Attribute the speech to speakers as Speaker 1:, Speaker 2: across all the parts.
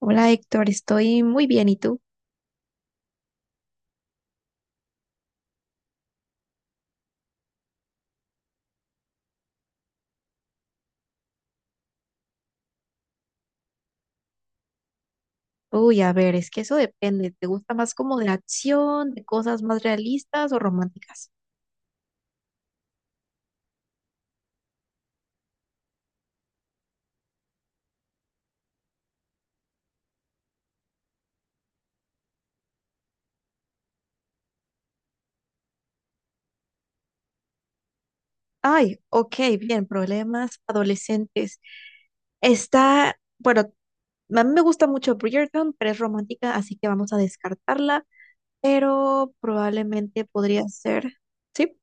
Speaker 1: Hola Héctor, estoy muy bien. ¿Y tú? Uy, a ver, es que eso depende. ¿Te gusta más como de acción, de cosas más realistas o románticas? Ay, ok, bien, problemas adolescentes. Está, bueno, a mí me gusta mucho Bridgerton, pero es romántica, así que vamos a descartarla, pero probablemente podría ser, ¿sí?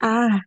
Speaker 1: Ah,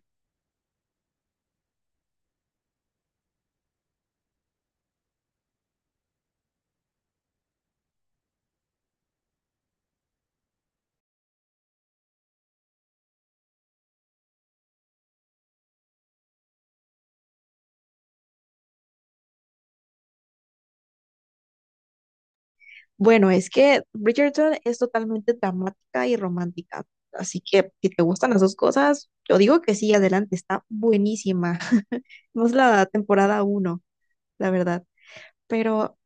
Speaker 1: bueno, es que Bridgerton es totalmente dramática y romántica. Así que si te gustan las dos cosas, yo digo que sí, adelante, está buenísima. No es la temporada uno, la verdad. Pero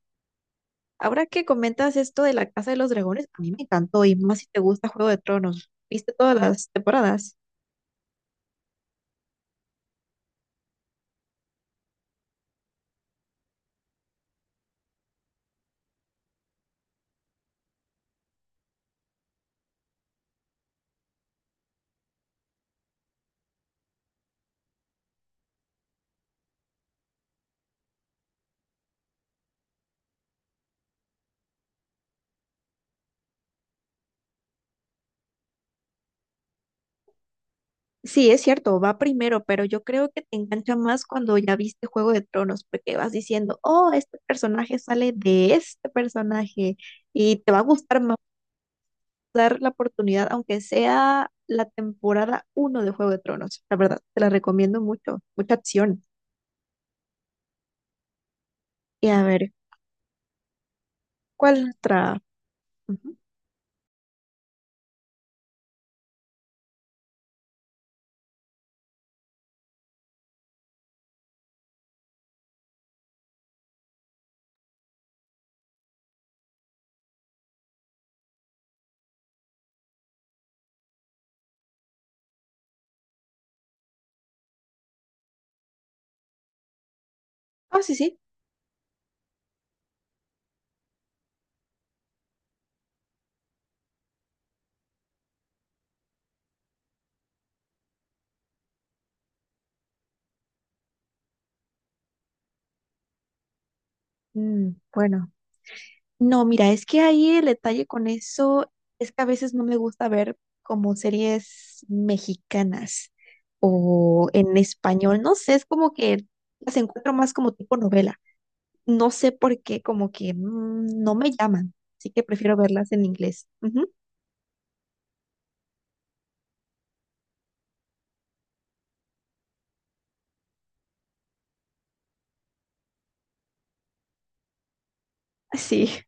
Speaker 1: ahora que comentas esto de la Casa de los Dragones, a mí me encantó y más si te gusta Juego de Tronos. ¿Viste todas las temporadas? Sí, es cierto, va primero, pero yo creo que te engancha más cuando ya viste Juego de Tronos, porque vas diciendo, oh, este personaje sale de este personaje y te va a gustar dar la oportunidad, aunque sea la temporada uno de Juego de Tronos. La verdad, te la recomiendo mucho, mucha acción. Y a ver, ¿cuál otra? Ujú. Ah, sí, sí. Mm, bueno, no, mira, es que ahí el detalle con eso es que a veces no me gusta ver como series mexicanas o en español, no sé, es como que las encuentro más como tipo novela. No sé por qué, como que no me llaman, así que prefiero verlas en inglés. Ujú. Sí.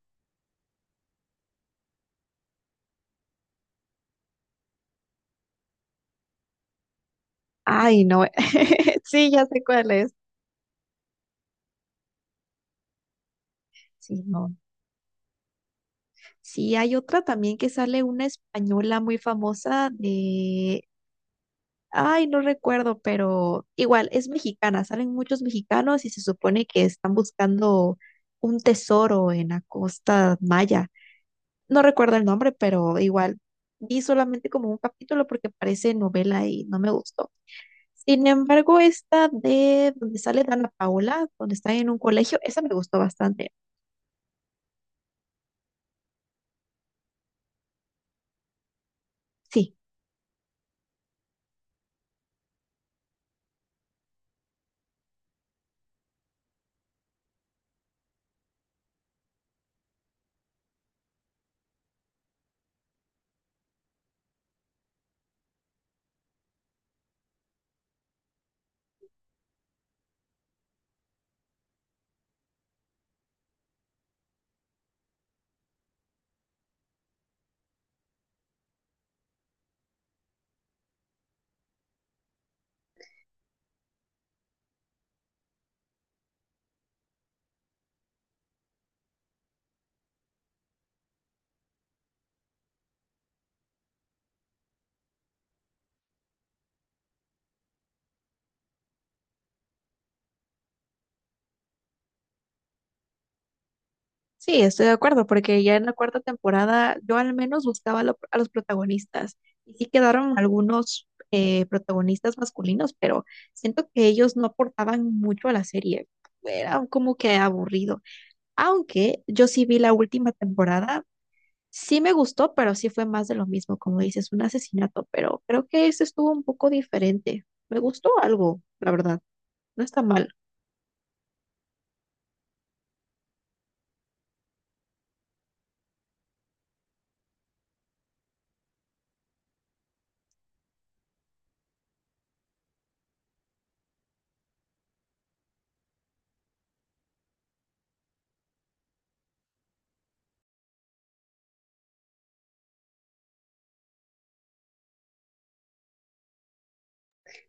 Speaker 1: Ay, no, sí, ya sé cuál es. Sí, no. Sí, hay otra también que sale una española muy famosa de, ay, no recuerdo, pero igual es mexicana, salen muchos mexicanos y se supone que están buscando un tesoro en la costa maya. No recuerdo el nombre, pero igual vi solamente como un capítulo porque parece novela y no me gustó. Sin embargo, esta de donde sale Dana Paola, donde está en un colegio, esa me gustó bastante. Sí. Sí, estoy de acuerdo, porque ya en la cuarta temporada yo al menos buscaba a los protagonistas y sí quedaron algunos protagonistas masculinos, pero siento que ellos no aportaban mucho a la serie. Era como que aburrido. Aunque yo sí vi la última temporada, sí me gustó, pero sí fue más de lo mismo, como dices, un asesinato, pero creo que ese estuvo un poco diferente. Me gustó algo, la verdad. No está mal.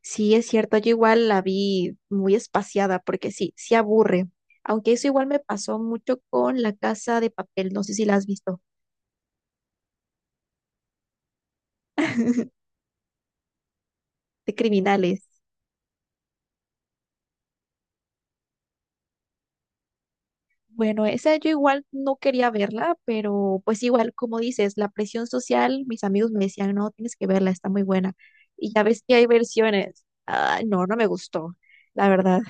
Speaker 1: Sí, es cierto, yo igual la vi muy espaciada porque sí, sí aburre. Aunque eso igual me pasó mucho con La Casa de Papel, no sé si la has visto, de criminales. Bueno, esa yo igual no quería verla, pero pues igual, como dices, la presión social, mis amigos me decían, no, tienes que verla, está muy buena. Y ya ves que hay versiones. Ah, no, no me gustó, la verdad.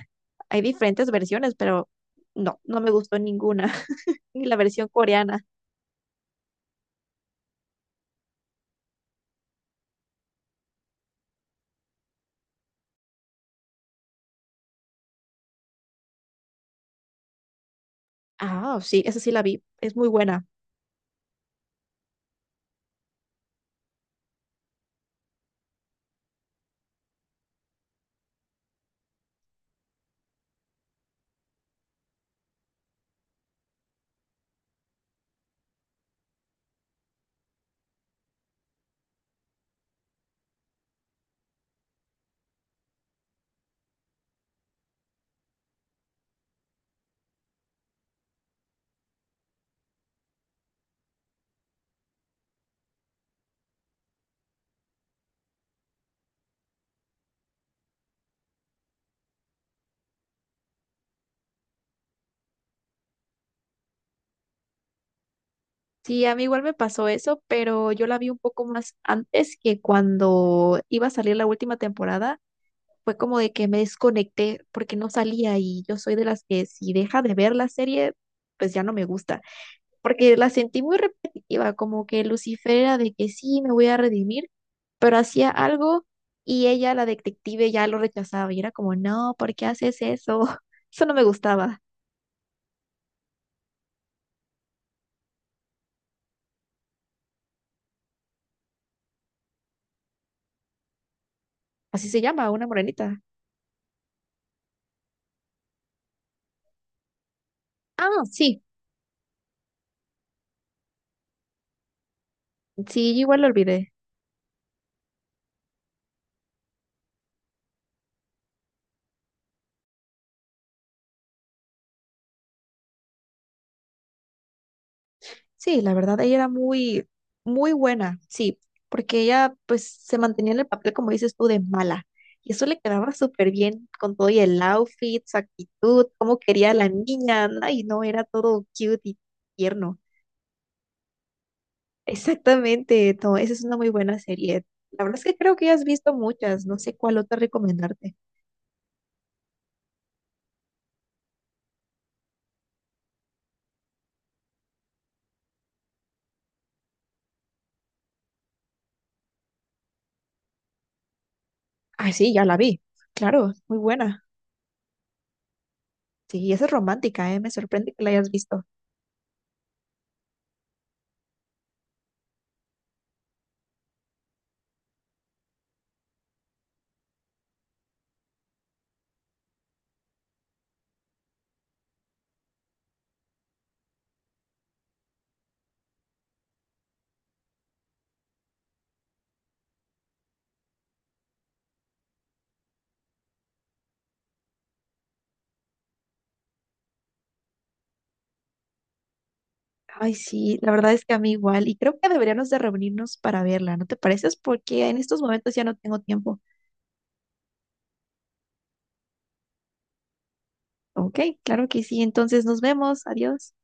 Speaker 1: Hay diferentes versiones, pero no, no me gustó ninguna, ni la versión coreana. Ah, sí, esa sí la vi, es muy buena. Sí, a mí igual me pasó eso, pero yo la vi un poco más antes que cuando iba a salir la última temporada. Fue como de que me desconecté porque no salía y yo soy de las que si deja de ver la serie, pues ya no me gusta, porque la sentí muy repetitiva, como que Lucifer era de que sí, me voy a redimir, pero hacía algo y ella, la detective, ya lo rechazaba y era como, no, ¿por qué haces eso? Eso no me gustaba. Así se llama, una morenita. Ah, sí, sí, igual lo olvidé. Sí, la verdad, ella era muy, muy buena, sí, porque ella pues se mantenía en el papel, como dices tú, de mala. Y eso le quedaba súper bien con todo y el outfit, su actitud, cómo quería a la niña, ¿no? Y no era todo cute y tierno. Exactamente, no, esa es una muy buena serie. La verdad es que creo que ya has visto muchas, no sé cuál otra recomendarte. Ah, sí, ya la vi, claro, muy buena. Sí, esa es romántica, ¿eh? Me sorprende que la hayas visto. Ay, sí, la verdad es que a mí igual, y creo que deberíamos de reunirnos para verla, ¿no te pareces? Porque en estos momentos ya no tengo tiempo. Ok, claro que sí, entonces nos vemos, adiós.